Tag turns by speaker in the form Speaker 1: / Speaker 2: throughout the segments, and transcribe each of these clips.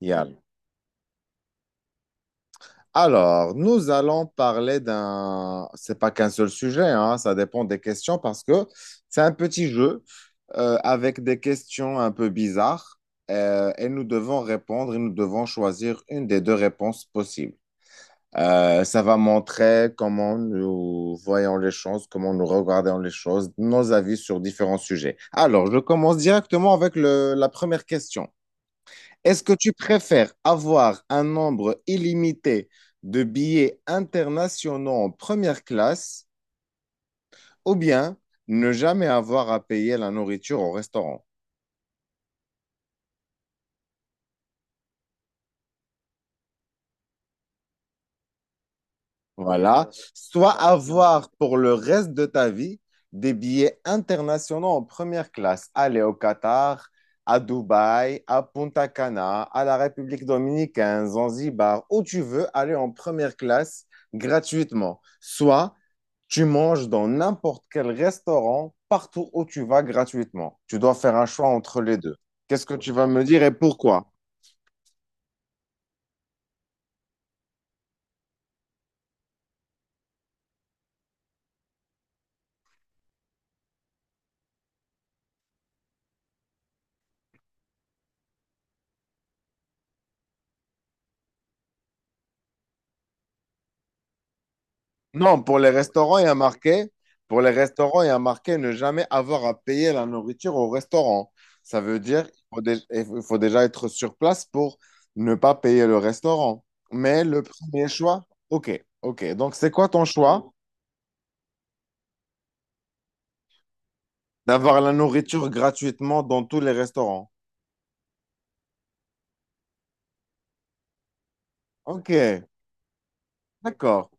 Speaker 1: Yep. Alors, nous allons parler c'est pas qu'un seul sujet, hein, ça dépend des questions parce que c'est un petit jeu avec des questions un peu bizarres et nous devons répondre et nous devons choisir une des deux réponses possibles. Ça va montrer comment nous voyons les choses, comment nous regardons les choses, nos avis sur différents sujets. Alors, je commence directement avec la première question. Est-ce que tu préfères avoir un nombre illimité de billets internationaux en première classe ou bien ne jamais avoir à payer la nourriture au restaurant? Voilà. Soit avoir pour le reste de ta vie des billets internationaux en première classe. Aller au Qatar, à Dubaï, à Punta Cana, à la République dominicaine, Zanzibar, où tu veux aller en première classe gratuitement. Soit tu manges dans n'importe quel restaurant, partout où tu vas gratuitement. Tu dois faire un choix entre les deux. Qu'est-ce que tu vas me dire et pourquoi? Non, pour les restaurants, il y a marqué, pour les restaurants, il y a marqué ne jamais avoir à payer la nourriture au restaurant. Ça veut dire qu'il faut, il faut déjà être sur place pour ne pas payer le restaurant. Mais le premier choix, ok, ok. Donc, c'est quoi ton choix? D'avoir la nourriture gratuitement dans tous les restaurants. Ok, d'accord.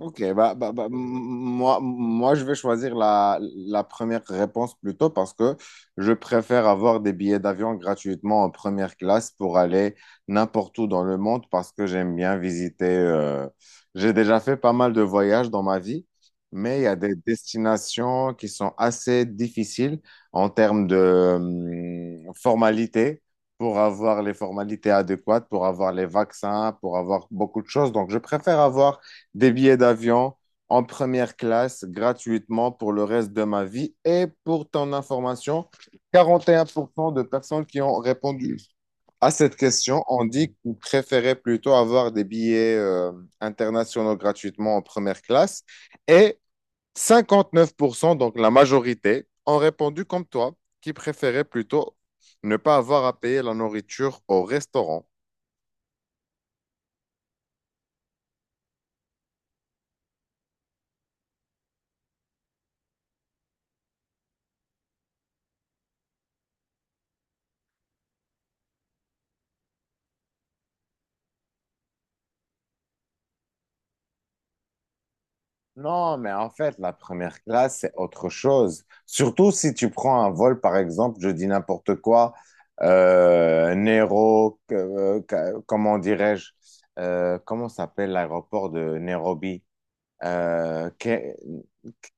Speaker 1: Ok, bah, moi, je vais choisir la première réponse plutôt parce que je préfère avoir des billets d'avion gratuitement en première classe pour aller n'importe où dans le monde parce que j'aime bien visiter. J'ai déjà fait pas mal de voyages dans ma vie, mais il y a des destinations qui sont assez difficiles en termes de formalités. Pour avoir les formalités adéquates, pour avoir les vaccins, pour avoir beaucoup de choses. Donc, je préfère avoir des billets d'avion en première classe gratuitement pour le reste de ma vie. Et pour ton information, 41% de personnes qui ont répondu à cette question ont dit qu'ils préféraient plutôt avoir des billets internationaux gratuitement en première classe. Et 59%, donc la majorité, ont répondu comme toi, qui préféraient plutôt ne pas avoir à payer la nourriture au restaurant. Non, mais en fait, la première classe, c'est autre chose. Surtout si tu prends un vol, par exemple, je dis n'importe quoi, Nero, comment dirais-je, comment s'appelle l'aéroport de Nairobi? Euh, Ke-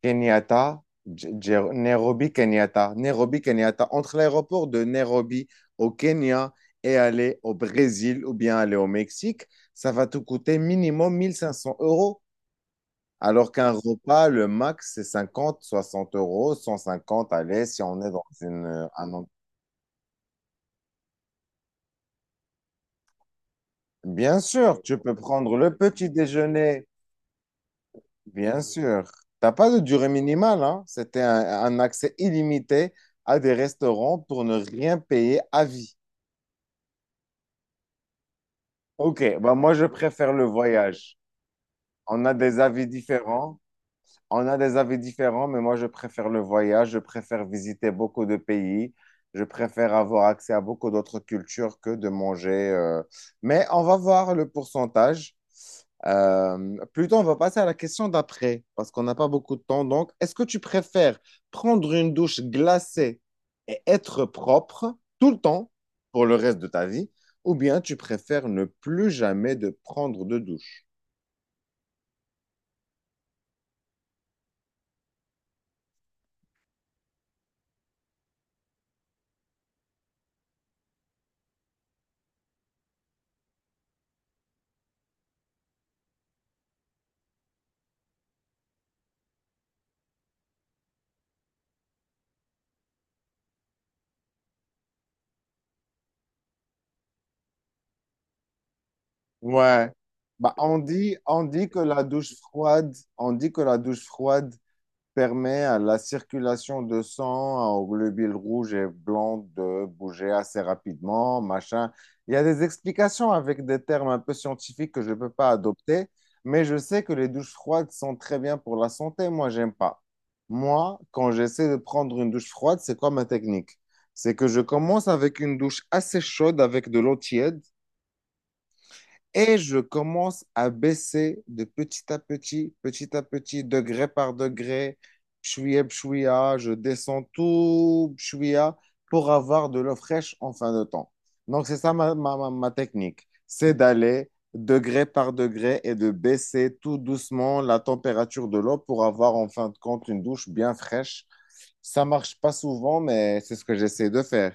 Speaker 1: Kenyatta, Nairobi, Kenyatta, Nairobi, Kenyatta. Entre l'aéroport de Nairobi au Kenya et aller au Brésil ou bien aller au Mexique, ça va te coûter minimum 1 500 euros. Alors qu'un repas, le max, c'est 50 60 euros, 150 allez, si on est dans bien sûr, tu peux prendre le petit déjeuner, bien sûr. T'as pas de durée minimale, hein. C'était un accès illimité à des restaurants pour ne rien payer à vie. Ok, bah moi je préfère le voyage. On a des avis différents. On a des avis différents, mais moi, je préfère le voyage, je préfère visiter beaucoup de pays, je préfère avoir accès à beaucoup d'autres cultures que de manger. Mais on va voir le pourcentage. Plutôt, on va passer à la question d'après, parce qu'on n'a pas beaucoup de temps. Donc, est-ce que tu préfères prendre une douche glacée et être propre tout le temps pour le reste de ta vie, ou bien tu préfères ne plus jamais de prendre de douche? Ouais. Bah, on dit que la douche froide, on dit que la douche froide permet à la circulation de sang, hein, aux globules rouges et blancs de bouger assez rapidement, machin. Il y a des explications avec des termes un peu scientifiques que je ne peux pas adopter, mais je sais que les douches froides sont très bien pour la santé. Moi, j'aime pas. Moi, quand j'essaie de prendre une douche froide, c'est quoi ma technique? C'est que je commence avec une douche assez chaude avec de l'eau tiède. Et je commence à baisser de petit à petit, degré par degré, pshouya, pshouya, je descends tout pshouya pour avoir de l'eau fraîche en fin de temps. Donc, c'est ça ma technique. C'est d'aller degré par degré et de baisser tout doucement la température de l'eau pour avoir en fin de compte une douche bien fraîche. Ça marche pas souvent, mais c'est ce que j'essaie de faire.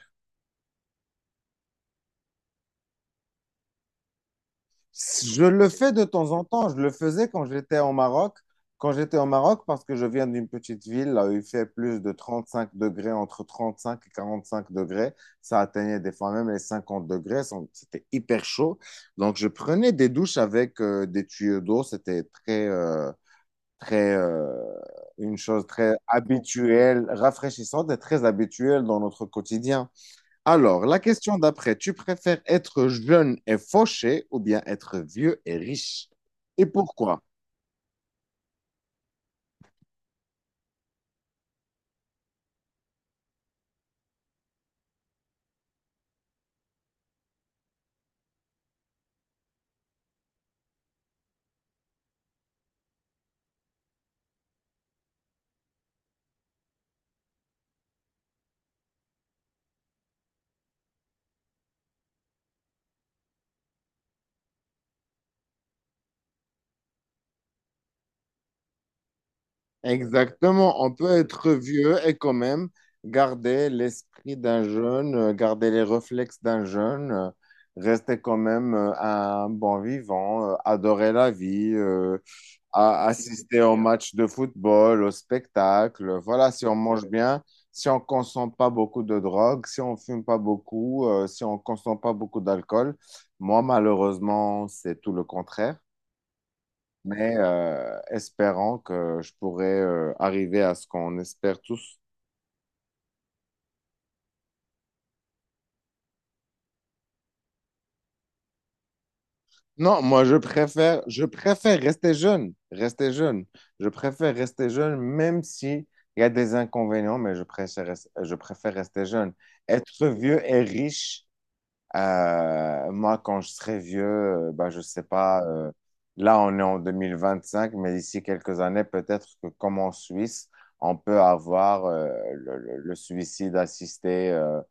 Speaker 1: Je le fais de temps en temps. Je le faisais quand j'étais au Maroc. Quand j'étais au Maroc, parce que je viens d'une petite ville, là où il fait plus de 35 degrés, entre 35 et 45 degrés. Ça atteignait des fois même les 50 degrés. C'était hyper chaud. Donc, je prenais des douches avec des tuyaux d'eau. C'était très, une chose très habituelle, rafraîchissante et très habituelle dans notre quotidien. Alors, la question d'après, tu préfères être jeune et fauché ou bien être vieux et riche? Et pourquoi? Exactement, on peut être vieux et quand même garder l'esprit d'un jeune, garder les réflexes d'un jeune, rester quand même un bon vivant, adorer la vie, à assister au match de football, au spectacle. Voilà, si on mange bien, si on consomme pas beaucoup de drogue, si on fume pas beaucoup, si on consomme pas beaucoup d'alcool. Moi, malheureusement, c'est tout le contraire. Mais espérons que je pourrai arriver à ce qu'on espère tous. Non, moi, je préfère rester jeune, rester jeune. Je préfère rester jeune, même si il y a des inconvénients, mais je préfère, je préfère rester jeune. Être vieux et riche, moi, quand je serai vieux, bah, je sais pas, là, on est en 2025, mais d'ici quelques années, peut-être que comme en Suisse, on peut avoir le suicide assisté.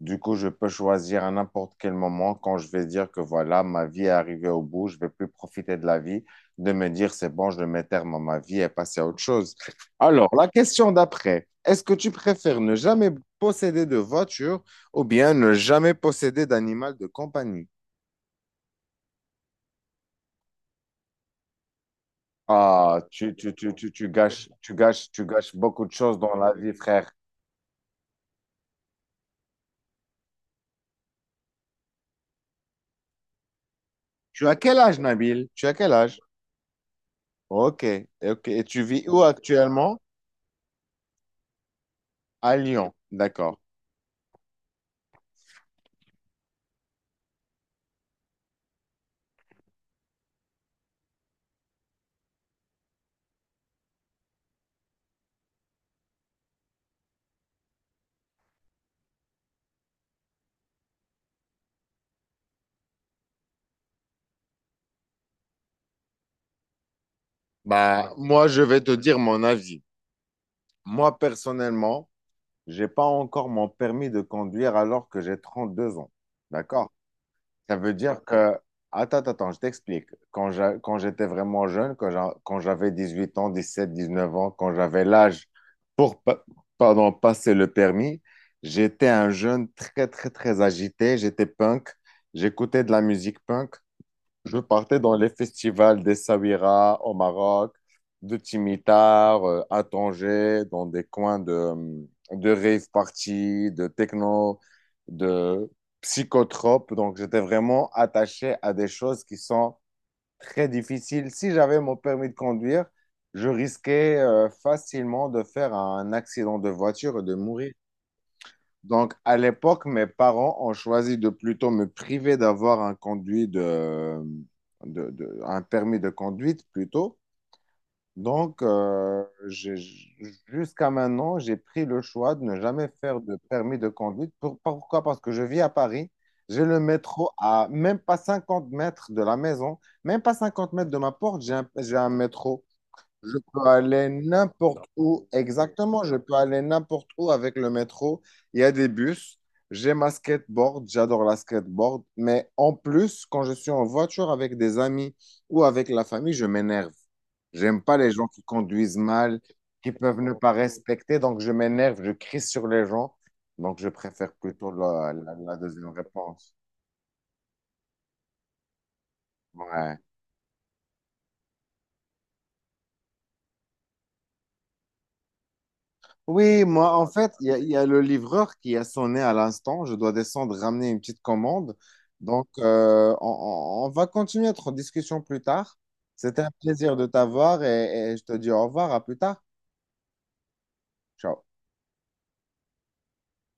Speaker 1: Du coup, je peux choisir à n'importe quel moment quand je vais dire que voilà, ma vie est arrivée au bout, je vais plus profiter de la vie, de me dire c'est bon, je mets terme à ma vie et passer à autre chose. Alors, la question d'après, est-ce que tu préfères ne jamais posséder de voiture ou bien ne jamais posséder d'animal de compagnie. Ah, tu gâches, tu gâches beaucoup de choses dans la vie, frère. Tu as quel âge, Nabil? Tu as quel âge? Ok, ok. Et tu vis où actuellement? À Lyon. D'accord. Bah, moi, je vais te dire mon avis. Moi, personnellement, j'ai pas encore mon permis de conduire alors que j'ai 32 ans. D'accord? Ça veut dire que, attends, je t'explique. Quand quand j'étais vraiment jeune, quand quand j'avais 18 ans, 17, 19 ans, quand j'avais l'âge pour, pardon, passer le permis, j'étais un jeune très agité. J'étais punk. J'écoutais de la musique punk. Je partais dans les festivals des Sabira au Maroc, de Timitar à Tanger, dans des coins de rave party, de techno, de psychotrope. Donc, j'étais vraiment attaché à des choses qui sont très difficiles. Si j'avais mon permis de conduire, je risquais facilement de faire un accident de voiture et de mourir. Donc, à l'époque, mes parents ont choisi de plutôt me priver d'avoir un conduit de- un permis de conduite plutôt. Donc, jusqu'à maintenant, j'ai pris le choix de ne jamais faire de permis de conduite. Pourquoi? Parce que je vis à Paris. J'ai le métro à même pas 50 mètres de la maison, même pas 50 mètres de ma porte, j'ai un métro. Je peux aller n'importe où, exactement. Je peux aller n'importe où avec le métro. Il y a des bus. J'ai ma skateboard. J'adore la skateboard. Mais en plus, quand je suis en voiture avec des amis ou avec la famille, je m'énerve. J'aime pas les gens qui conduisent mal, qui peuvent ne pas respecter. Donc, je m'énerve. Je crie sur les gens. Donc, je préfère plutôt la deuxième réponse. Ouais. Oui, moi, en fait, il y a le livreur qui a sonné à l'instant. Je dois descendre ramener une petite commande. Donc, on va continuer notre discussion plus tard. C'était un plaisir de t'avoir et je te dis au revoir, à plus tard. Ciao.